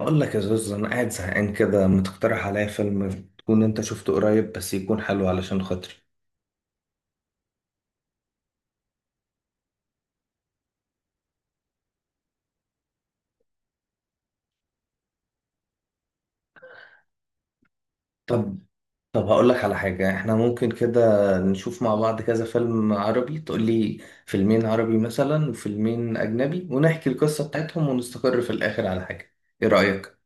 أقول لك يا زوز، أنا قاعد زهقان كده، ما تقترح عليا فيلم تكون أنت شفته قريب، بس يكون حلو علشان خاطري. طب. طب هقول لك على حاجة، إحنا ممكن كده نشوف مع بعض كذا فيلم عربي. تقول لي فيلمين عربي مثلا وفيلمين أجنبي، ونحكي القصة بتاعتهم ونستقر في الآخر على حاجة. إيه رأيك؟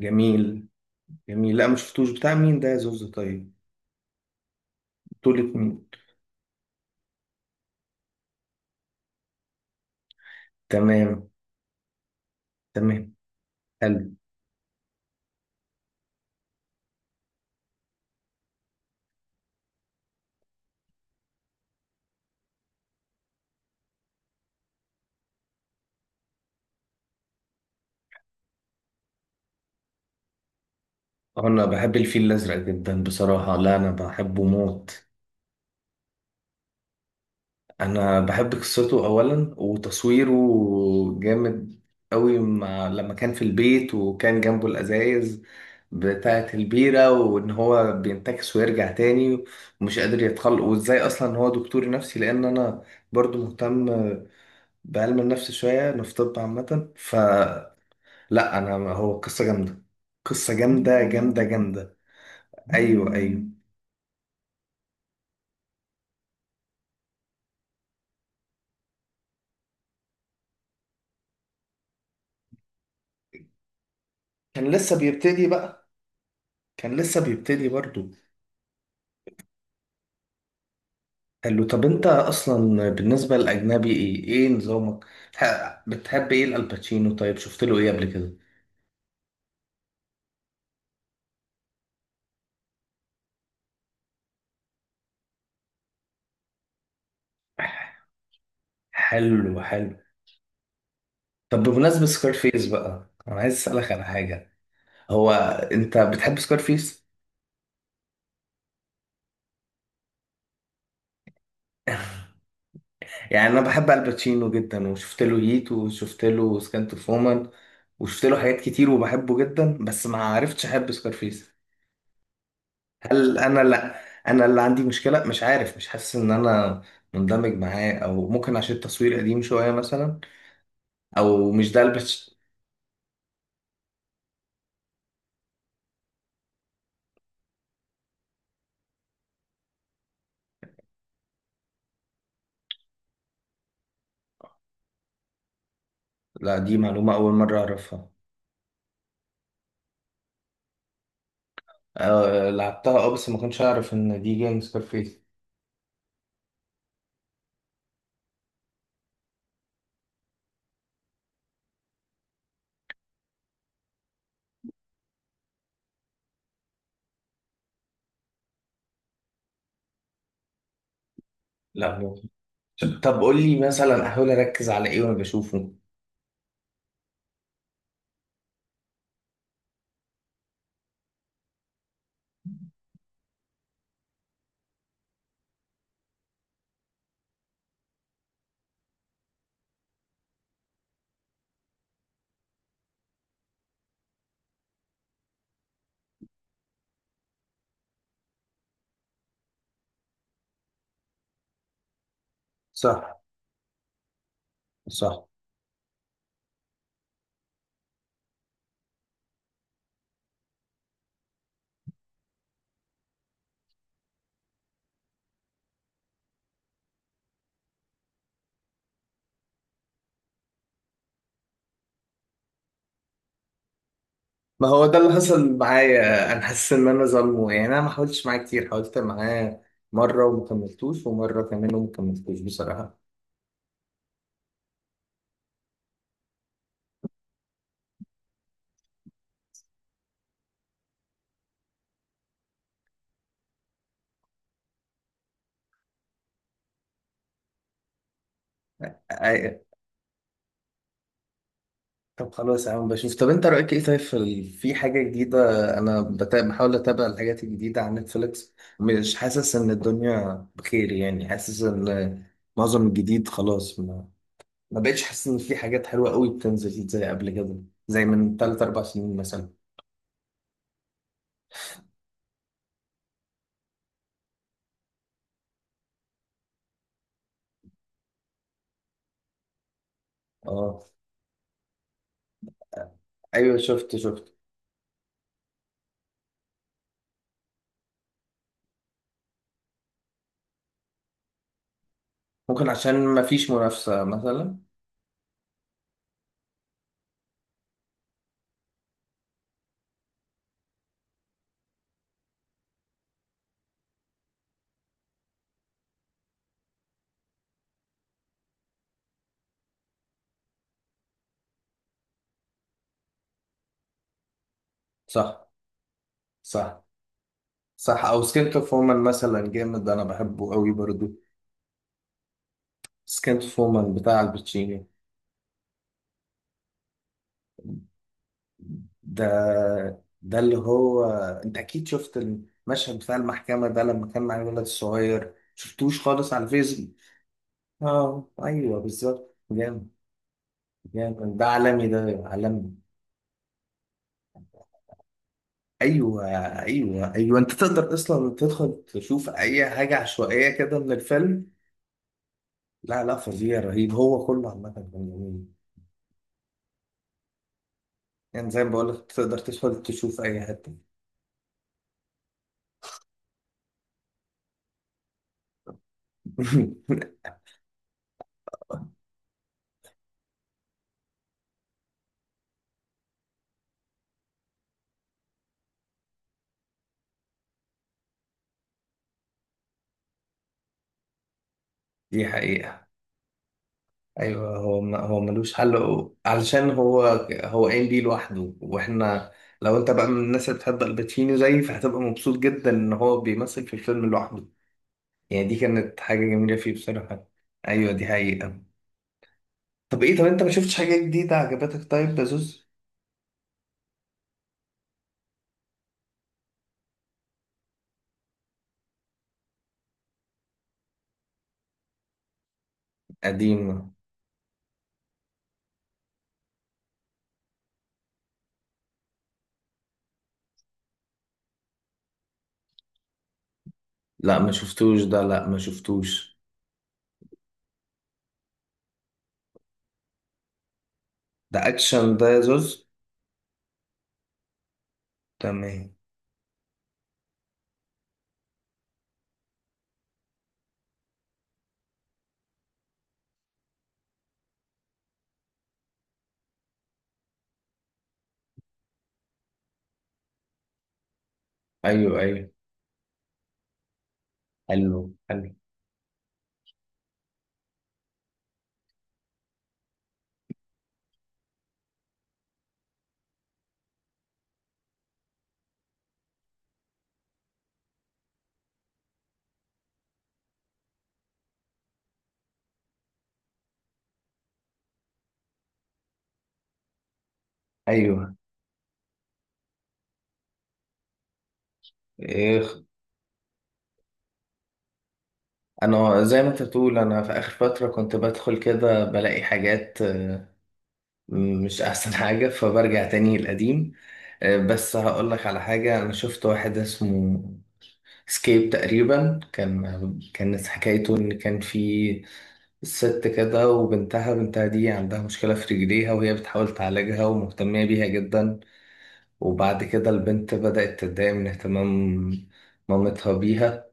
جميل. جميل، لا ما شفتوش. بتاع مين ده يا زوز؟ طيب، بطولة مين؟ تمام. تمام. حلو. أنا بحب الفيل الأزرق جدا بصراحة، لا أنا بحبه موت. انا بحب قصته اولا، وتصويره جامد قوي، مع لما كان في البيت وكان جنبه الازايز بتاعة البيرة وان هو بينتكس ويرجع تاني، ومش قادر يتخلق، وازاي اصلا هو دكتور نفسي. لان انا برضو مهتم بعلم النفس شوية، انا في طب عامة. فلا، انا هو قصة جامدة، قصة جامدة جامدة جامدة. ايوه، ايوه. كان لسه بيبتدي بقى. كان لسه بيبتدي برضو. حلو. طب انت اصلا بالنسبه للاجنبي، ايه ايه نظامك؟ بتحب ايه؟ الالباتشينو، طيب شفت له ايه قبل كده؟ حلو حلو. طب بمناسبه سكارفيس بقى، انا عايز اسالك على حاجه. هو انت بتحب سكارفيس؟ يعني انا بحب الباتشينو جدا، وشفت له هيت، وشفت له سكانت فومان، وشفت له حاجات كتير، وبحبه جدا، بس ما عرفتش احب سكارفيس. هل انا؟ لا، انا اللي عندي مشكله، مش عارف، مش حاسس ان انا مندمج معاه، او ممكن عشان التصوير قديم شويه مثلا، او مش ده البس. لا دي معلومه اول مره اعرفها. أه لعبتها، اه، بس ما كنتش اعرف ان دي جيم سكارفيس. لا طب قول لي مثلا احاول اركز على ايه وانا بشوفه. صح. صح. ما هو ده اللي حصل معايا، انا حاسس ان انا ظلمه، يعني انا ما حاولتش معاه كتير، حاولت معاه مره وما كملتوش، ومره كمان وما كملتوش بصراحه. طب خلاص يا عم بشوف. طب انت رأيك ايه طيب في في حاجة جديدة؟ انا بحاول اتابع الحاجات الجديدة على نتفليكس، مش حاسس ان الدنيا بخير، يعني حاسس ان معظم الجديد خلاص ما بقتش حاسس ان في حاجات حلوة قوي بتنزل زي قبل كده، زي من 3 4 سنين مثلا. اه، ايوه شفت شفت. ممكن عشان ما فيش منافسة مثلا. صح. صح. صح، او سكنت فورمان مثلا جامد، انا بحبه قوي برضو. سكنت فورمان بتاع الباتشينو. ده ده اللي هو، انت اكيد شفت المشهد بتاع المحكمة ده، لما كان مع الولد الصغير، شفتوش خالص على الفيسبوك؟ اه، ايوه بالظبط، جامد. جامد، ده عالمي، ده عالمي. ايوه ايوه ايوه، انت تقدر اصلا تدخل تشوف اي حاجة عشوائية كده من الفيلم. لا لا، فظيع، رهيب، هو كله عامة كان جميل. يعني زي ما بقولك، تقدر تدخل تشوف اي حتة. دي حقيقة. ايوه، هو ما هو ملوش حل، علشان هو، هو قايم بيه لوحده. واحنا، لو انت بقى من الناس اللي بتحب الباتشينو زيي، فهتبقى مبسوط جدا ان هو بيمثل في الفيلم لوحده، يعني دي كانت حاجة جميلة فيه بصراحة. ايوه دي حقيقة. طب ايه؟ طب انت ما شفتش حاجة جديدة عجبتك طيب يا زوز؟ قديمة. لا ما شفتوش ده، لا ما شفتوش. ده اكشن ده يا زوز؟ تمام. ايوه ايوه. حلو حلو. ايوه. إيه، انا زي ما انت بتقول، انا في اخر فتره كنت بدخل كده بلاقي حاجات مش احسن حاجه، فبرجع تاني للقديم. بس هقول لك على حاجه، انا شفت واحد اسمه سكيب تقريبا، كان كانت حكايته ان كان في ست كده وبنتها، بنتها دي عندها مشكله في رجليها، وهي بتحاول تعالجها ومهتميه بيها جدا، وبعد كده البنت بدات تتضايق من اهتمام مامتها بيها.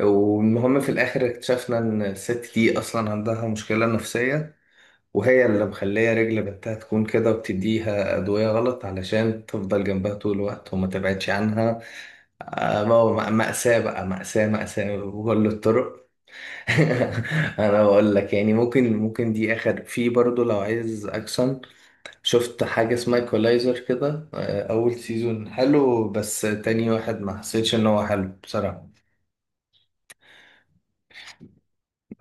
والمهم، في الآخر اكتشفنا إن الست دي أصلا عندها مشكلة نفسية، وهي اللي مخلية رجل بنتها تكون كده، وبتديها أدوية غلط علشان تفضل جنبها طول الوقت وما تبعدش عنها. ما هو مأساة بقى، مأساة مأساة بكل الطرق. أنا بقول لك، يعني ممكن، ممكن دي آخر. في برضو لو عايز أكشن، شفت حاجة اسمها إيكولايزر كده، أول سيزون حلو، بس تاني واحد ما حسيتش إن هو حلو بصراحة.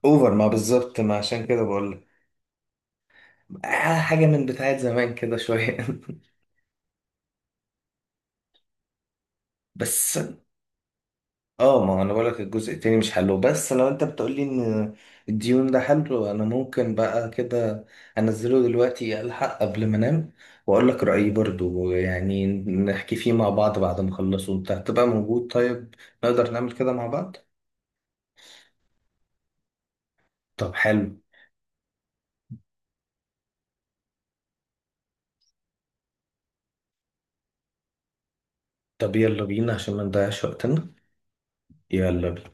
اوفر، ما بالظبط، ما عشان كده بقول. حاجة من بتاعت زمان كده شوية. بس اه، ما انا بقولك الجزء التاني مش حلو، بس لو انت بتقولي ان الديون ده حلو، انا ممكن بقى كده انزله دلوقتي الحق قبل ما انام، واقولك رأيي برضو، يعني نحكي فيه مع بعض بعد ما اخلصه. انت هتبقى موجود طيب؟ نقدر نعمل كده مع بعض. طب حلو. طب يلا بينا عشان ما نضيعش وقتنا. يلا بينا.